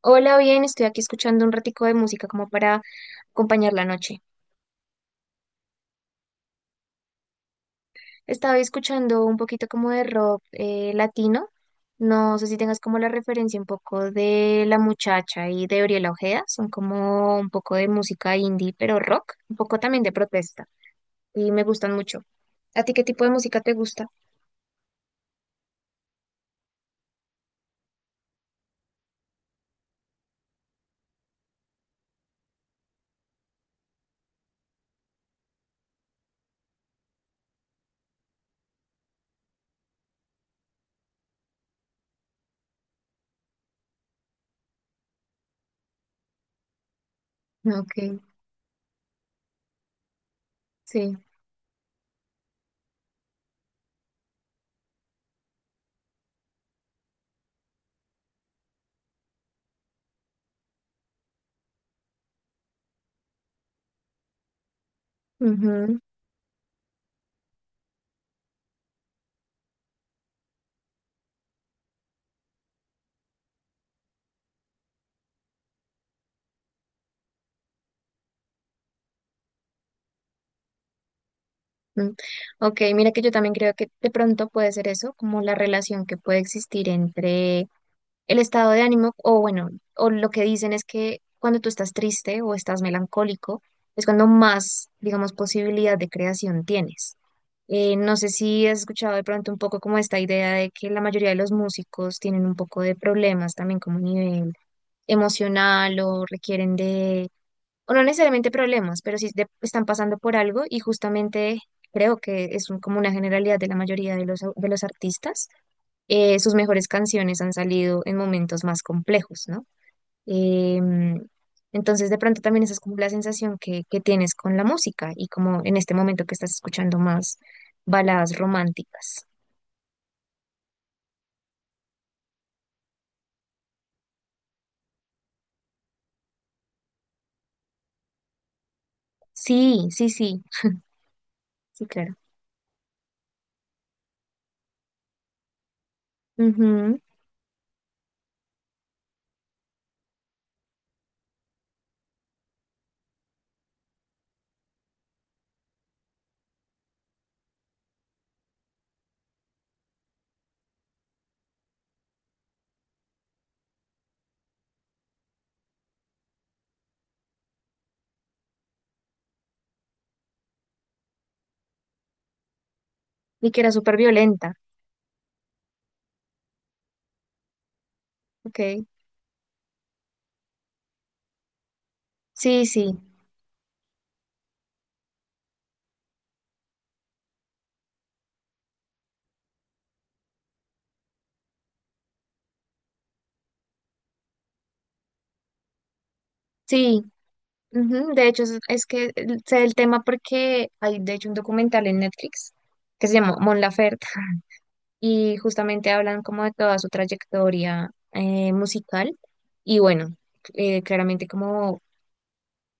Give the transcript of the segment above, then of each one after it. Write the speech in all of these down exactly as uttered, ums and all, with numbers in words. Hola, bien, estoy aquí escuchando un ratico de música como para acompañar la noche. Estaba escuchando un poquito como de rock eh, latino. No sé si tengas como la referencia un poco de La Muchacha y de Oriela Ojeda. Son como un poco de música indie, pero rock, un poco también de protesta. Y me gustan mucho. ¿A ti qué tipo de música te gusta? Ok, sí, ujú, mm. Ok, mira que yo también creo que de pronto puede ser eso, como la relación que puede existir entre el estado de ánimo, o bueno, o lo que dicen es que cuando tú estás triste o estás melancólico, es cuando más, digamos, posibilidad de creación tienes. Eh, no sé si has escuchado de pronto un poco como esta idea de que la mayoría de los músicos tienen un poco de problemas también como a nivel emocional o requieren de, o no necesariamente problemas, pero sí de- están pasando por algo y justamente creo que es un- como una generalidad de la mayoría de los, au- de los artistas eh, sus mejores canciones han salido en momentos más complejos, ¿no? Em, entonces, de pronto también esa es como la sensación que, que tienes con la música y como en este momento que estás escuchando más baladas románticas. Sí, sí, sí, sí, claro. Ujú. Y que era súper violenta. Ok. Sí, sí, sí. Ujú. De hecho, es, es que el- sé el tema porque hay, de hecho, un documental en Netflix que se llama Mon Laferte y justamente hablan como de toda su trayectoria eh, musical y bueno, eh, claramente como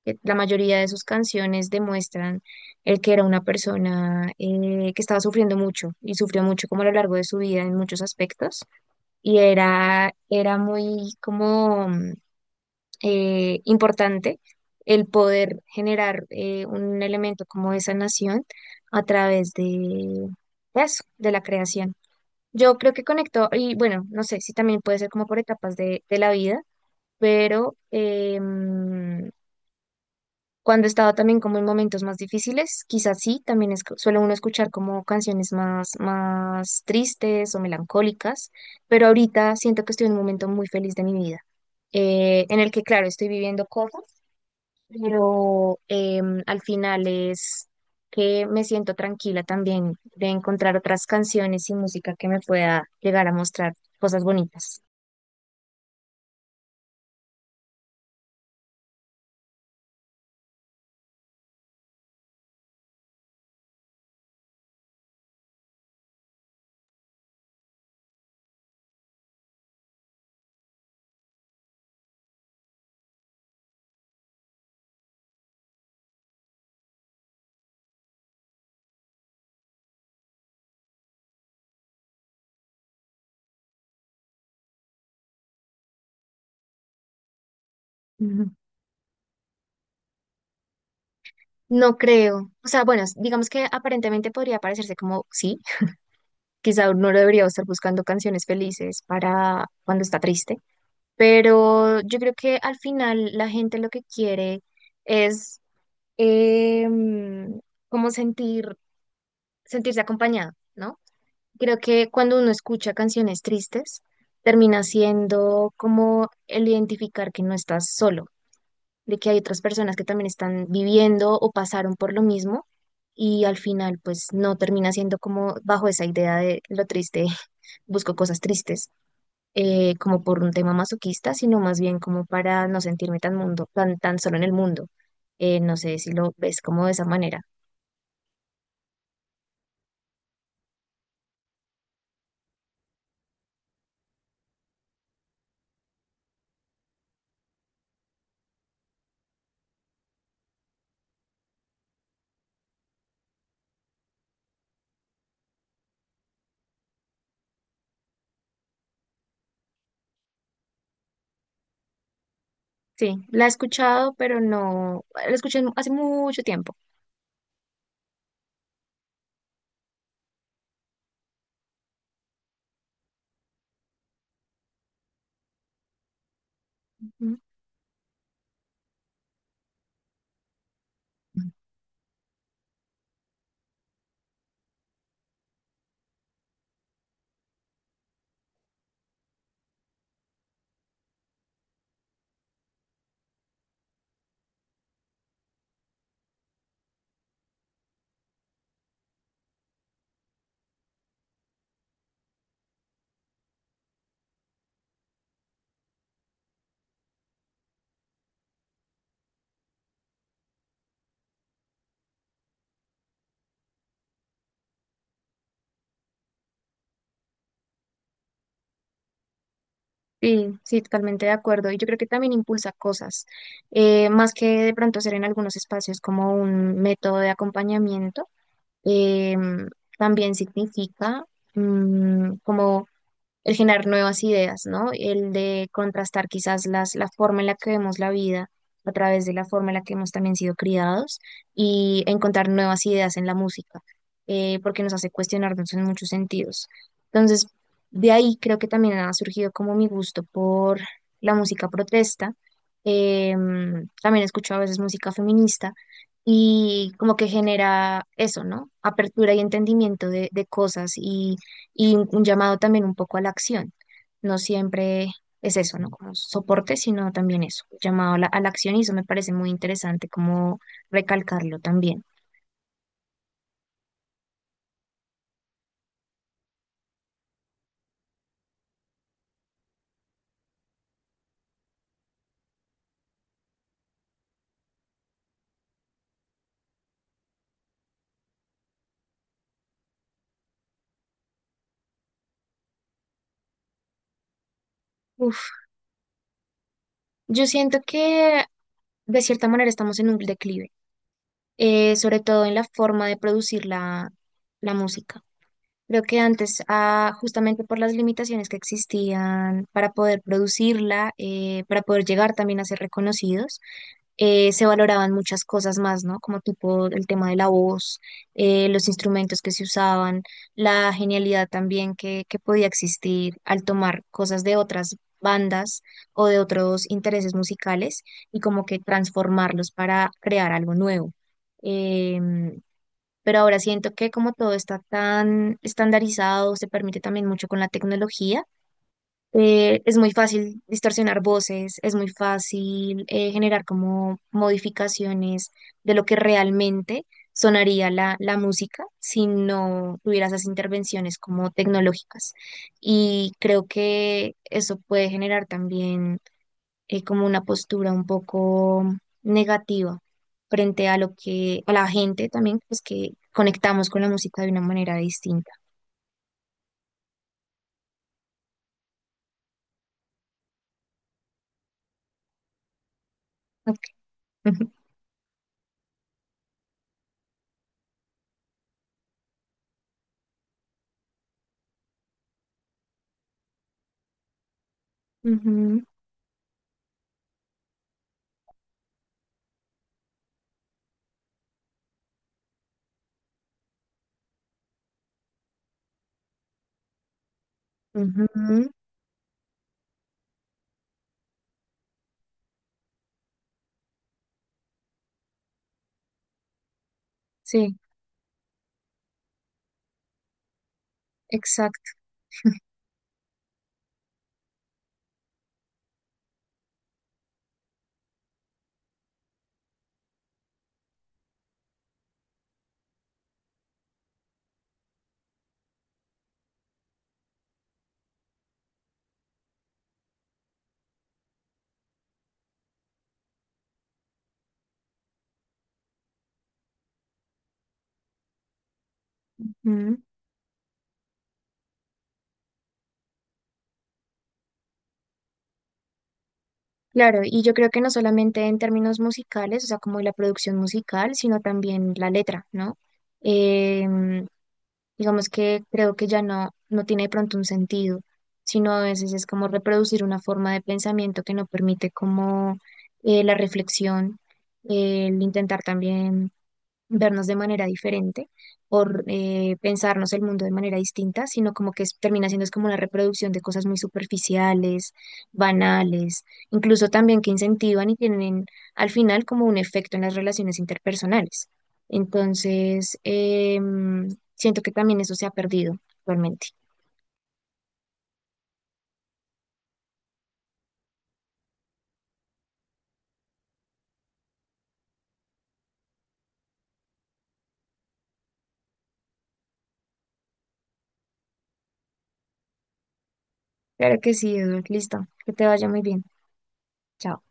que la mayoría de sus canciones demuestran el que era una persona eh, que estaba sufriendo mucho y sufrió mucho como a lo largo de su vida en muchos aspectos y era, era muy como mm, eh, importante el poder generar eh, un elemento como de sanación a través de eso, de la creación. Yo creo que conectó, y bueno, no sé si también puede ser como por etapas de, de la vida, pero em, cuando he estado también como en momentos más difíciles, quizás sí, también es, suele uno escuchar como canciones más, más tristes o melancólicas, pero ahorita siento que estoy en un momento muy feliz de mi vida, eh, en el que, claro, estoy viviendo cosas pero em, al final es que me siento tranquila también de encontrar otras canciones y música que me pueda llegar a mostrar cosas bonitas. Ujú. No creo, o sea, bueno, digamos que aparentemente podría parecerse como, sí, quizá uno debería estar buscando canciones felices para cuando está triste, pero yo creo que al final la gente lo que quiere es em, como sentir, sentirse acompañado, ¿no? Creo que cuando uno escucha canciones tristes, termina siendo como el identificar que no estás solo, de que hay otras personas que también están viviendo o pasaron por lo mismo y al final pues no termina siendo como bajo esa idea de lo triste, busco cosas tristes, eh, como por un tema masoquista, sino más bien como para no sentirme tan mundo, tan, tan solo en el mundo. Eh, no sé si lo ves como de esa manera. Sí, la he escuchado, pero no, la escuché hace mucho tiempo. Ujú. Sí, sí, totalmente de acuerdo. Y yo creo que también impulsa cosas, eh, más que de pronto ser en algunos espacios como un método de acompañamiento, em, también significa mm, como el generar nuevas ideas, ¿no? El de contrastar quizás las, la forma en la que vemos la vida a través de la forma en la que hemos también sido criados y encontrar nuevas ideas en la música, eh, porque nos hace cuestionarnos en muchos sentidos. Entonces, de ahí creo que también ha surgido como mi gusto por la música protesta. Em, también escucho a veces música feminista y como que genera eso, ¿no? Apertura y entendimiento de, de cosas y un, un llamado también un poco a la acción. No siempre es eso, ¿no? Como soporte, sino también eso, un llamado a la, a la acción y eso me parece muy interesante como recalcarlo también. Uf, yo siento que de cierta manera estamos en un declive, eh, sobre todo en la forma de producir la, la música. Creo que antes, ah, justamente por las limitaciones que existían para poder producirla, eh, para poder llegar también a ser reconocidos, eh, se valoraban muchas cosas más, ¿no? Como tipo el tema de la voz, eh, los instrumentos que se usaban, la genialidad también que, que podía existir al tomar cosas de otras bandas o de otros intereses musicales y como que transformarlos para crear algo nuevo. Em, pero ahora siento que como todo está tan estandarizado, se permite también mucho con la tecnología, eh, es muy fácil distorsionar voces, es muy fácil eh, generar como modificaciones de lo que realmente sonaría la, la música si no tuviera esas intervenciones como tecnológicas. Y creo que eso puede generar también eh, como una postura un poco negativa frente a lo que, a la gente también, pues que conectamos con la música de una manera distinta. Ok. Ujú, ujú, ujú. Sí, exacto. Ujú. Claro, y yo creo que no solamente en términos musicales, o sea, como la producción musical, sino también la letra, ¿no? Em, digamos que creo que ya no, no tiene de pronto un sentido, sino a veces es como reproducir una forma de pensamiento que no permite como eh, la reflexión, el intentar también vernos de manera diferente o eh, pensarnos el mundo de manera distinta, sino como que es- termina siendo es como una reproducción de cosas muy superficiales, banales, incluso también que incentivan y tienen al final como un efecto en las relaciones interpersonales. Entonces, em, siento que también eso se ha perdido actualmente. Claro que sí, Eduard, listo, que te vaya muy bien. Chao.